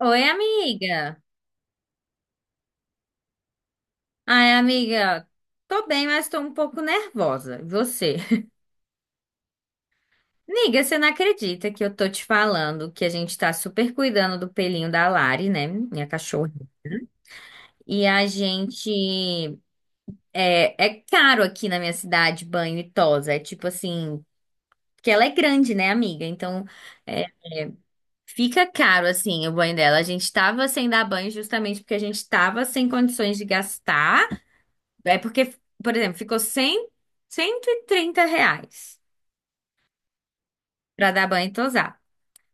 Oi, amiga. Ai, amiga, tô bem, mas tô um pouco nervosa. E você? Amiga, você não acredita que eu tô te falando que a gente tá super cuidando do pelinho da Lari, né? Minha cachorra. E a gente. É caro aqui na minha cidade banho e tosa. É tipo assim. Porque ela é grande, né, amiga? Então, é, fica caro, assim, o banho dela. A gente tava sem dar banho justamente porque a gente tava sem condições de gastar. É porque, por exemplo, ficou 100, 130 reais pra dar banho e tosar.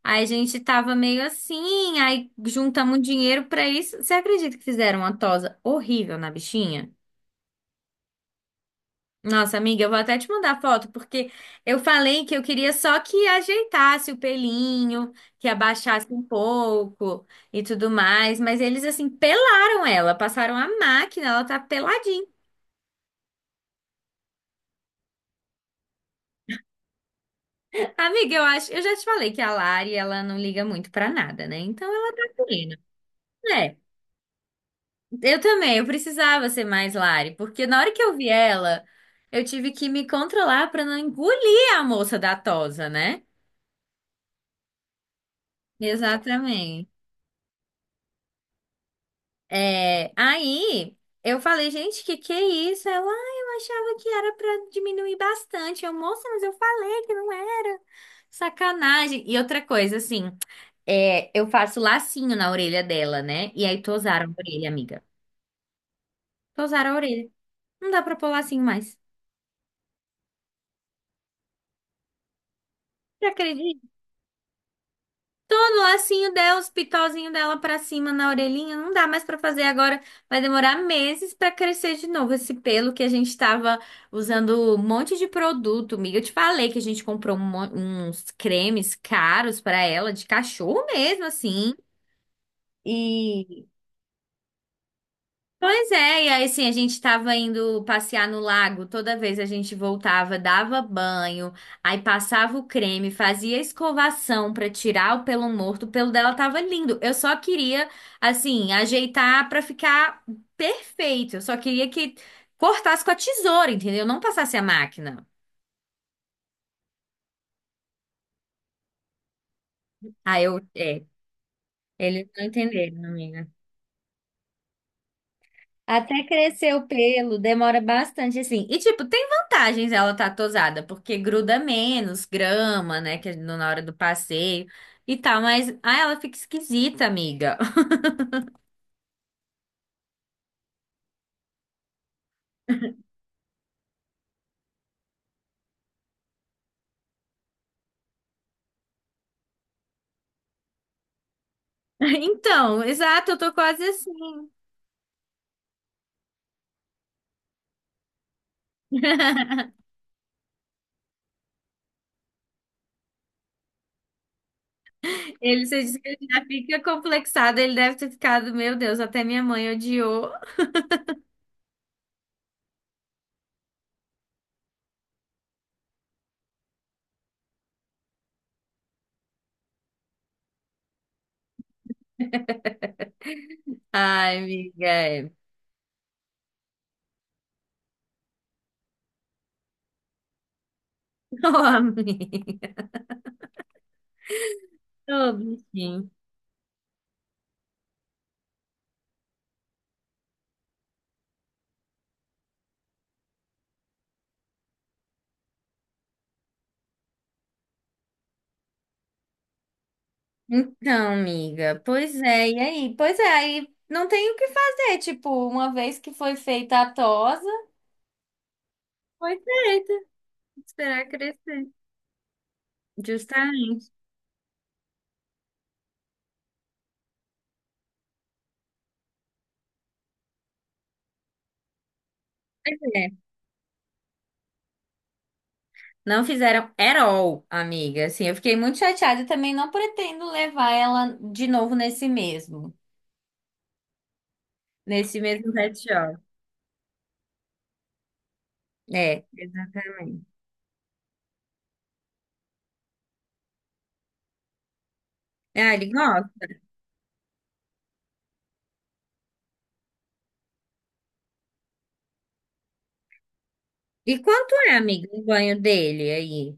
Aí a gente tava meio assim, aí juntamos dinheiro pra isso. Você acredita que fizeram uma tosa horrível na bichinha? Nossa, amiga, eu vou até te mandar foto, porque eu falei que eu queria só que ajeitasse o pelinho, que abaixasse um pouco e tudo mais, mas eles assim pelaram ela, passaram a máquina, ela tá peladinha. Amiga, eu já te falei que a Lari, ela não liga muito pra nada, né? Então ela tá fluindo. É, eu também, eu precisava ser mais Lari, porque na hora que eu vi ela, eu tive que me controlar pra não engolir a moça da tosa, né? Exatamente. Aí eu falei, gente, que é isso? Ela, "Ah, eu achava que era pra diminuir bastante. Eu, moça, mas eu falei que não era. Sacanagem. E outra coisa, assim. É, eu faço lacinho na orelha dela, né? E aí tosaram a orelha, amiga. Tosaram a orelha. Não dá pra pôr lacinho mais. Já acredito. Tô lacinho dela, os pitozinhos dela pra cima na orelhinha. Não dá mais pra fazer agora. Vai demorar meses pra crescer de novo esse pelo que a gente tava usando um monte de produto, amiga. Eu te falei que a gente comprou uns cremes caros pra ela, de cachorro mesmo, assim. Pois é, e aí assim, a gente tava indo passear no lago, toda vez a gente voltava, dava banho, aí passava o creme, fazia escovação pra tirar o pelo morto, o pelo dela tava lindo. Eu só queria, assim, ajeitar pra ficar perfeito. Eu só queria que cortasse com a tesoura, entendeu? Não passasse a máquina. Aí eu, é, Eles não entenderam, amiga. Até crescer o pelo, demora bastante assim. E tipo, tem vantagens ela tá tosada, porque gruda menos grama, né, que é na hora do passeio e tal, mas ah, ela fica esquisita, amiga. Então, exato, eu tô quase assim. Ele, você disse que ele já fica complexado, ele deve ter ficado, meu Deus, até minha mãe odiou. Ai, amiga, é. Ô, amiga. Ô, bichinho. Então, amiga, pois é, e aí? Pois é, aí não tem o que fazer, tipo, uma vez que foi feita a tosa, foi feita, esperar crescer. Justamente. Pois é, não fizeram at all, amiga, assim, eu fiquei muito chateada e também não pretendo levar ela de novo nesse mesmo pet shop. É, exatamente. Ah, ele gosta. E quanto é, amiga, o banho dele aí?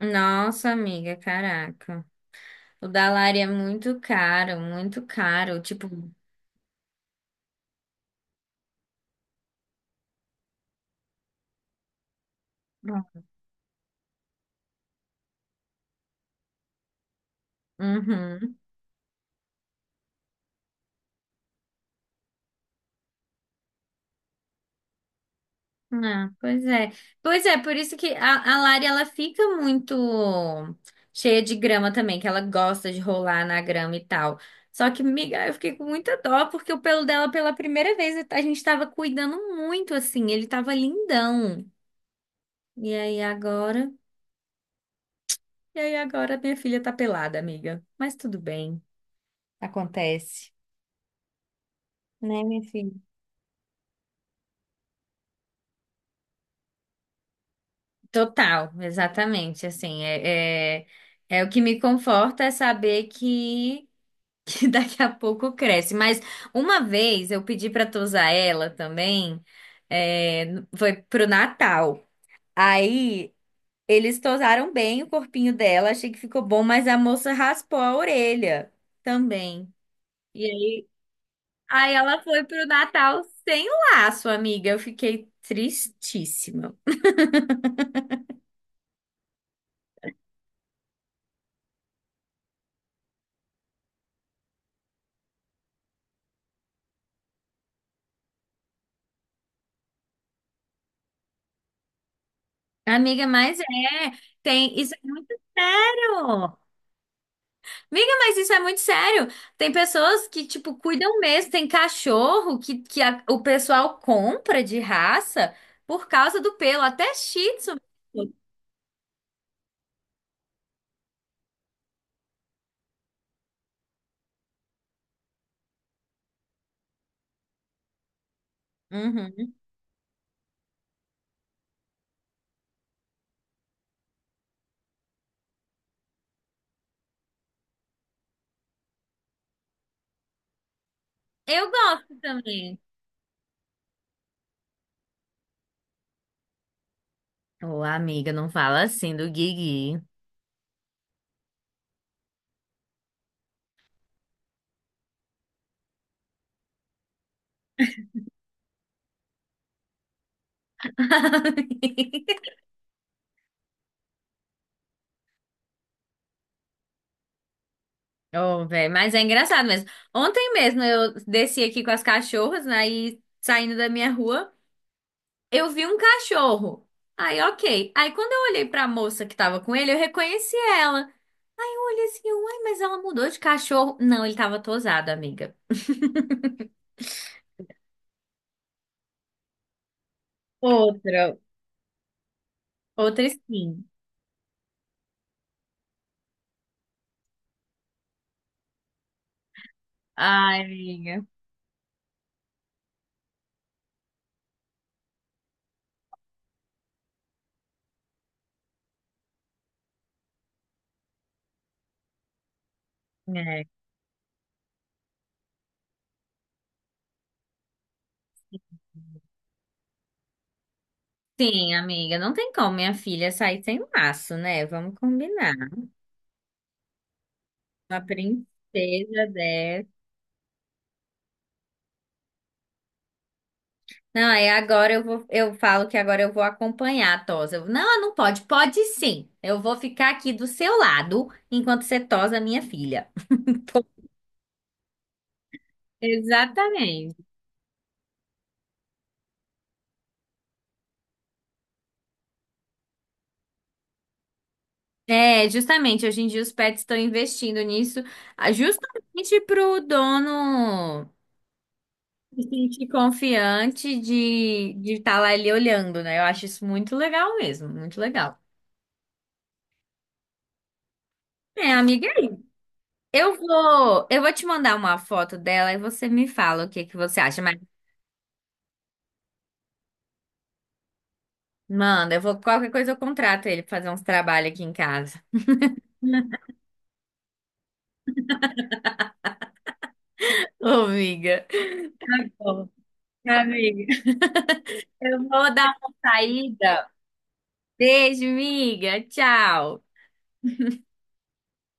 Nossa, amiga, caraca. O da é muito caro, muito caro. Tipo, Bom. Uhum. Ah, pois é. Pois é, por isso que a Lari ela fica muito cheia de grama também, que ela gosta de rolar na grama e tal. Só que, miga, eu fiquei com muita dó, porque o pelo dela, pela primeira vez, a gente tava cuidando muito, assim, ele tava lindão. E aí agora? E aí agora minha filha tá pelada, amiga. Mas tudo bem, acontece, né, minha filha? Total, exatamente, assim, é o que me conforta é saber que, que daqui a pouco cresce, mas uma vez eu pedi para tosar ela também, é, foi pro Natal, aí eles tosaram bem o corpinho dela, achei que ficou bom, mas a moça raspou a orelha também, e aí ela foi pro Natal sem laço, amiga, eu fiquei tristíssima. Amiga, mas isso é muito sério. Amiga, mas isso é muito sério. Tem pessoas que, tipo, cuidam mesmo, tem cachorro que o pessoal compra de raça por causa do pelo, até shih tzu. Uhum. Eu gosto também. Ô, amiga, não fala assim do Guigui. Ô, velho, mas é engraçado mesmo. Ontem mesmo eu desci aqui com as cachorras, né, e saindo da minha rua. Eu vi um cachorro. Aí, ok. Aí, quando eu olhei pra moça que tava com ele, eu reconheci ela. Aí, eu olhei assim, uai, mas ela mudou de cachorro. Não, ele tava tosado, amiga. Outra. Outra skin. Ai, amiga. É. Sim, amiga. Não tem como minha filha sair sem um laço, né? Vamos combinar. Uma princesa dessa. Não, aí agora eu vou, eu falo que agora eu vou acompanhar a tosa. Eu, não, não pode. Pode sim. Eu vou ficar aqui do seu lado enquanto você tosa minha filha. Exatamente. É, justamente, hoje em dia os pets estão investindo nisso, ah, justamente para o dono se sentir confiante de estar lá ele olhando, né? Eu acho isso muito legal mesmo, muito legal. É, amiga, é isso. Eu vou te mandar uma foto dela e você me fala o que que você acha, mas manda, qualquer coisa eu contrato ele pra fazer uns trabalhos aqui em casa. Ô, amiga. Tá bom. Amiga, eu vou dar uma saída. Beijo, miga. Tchau.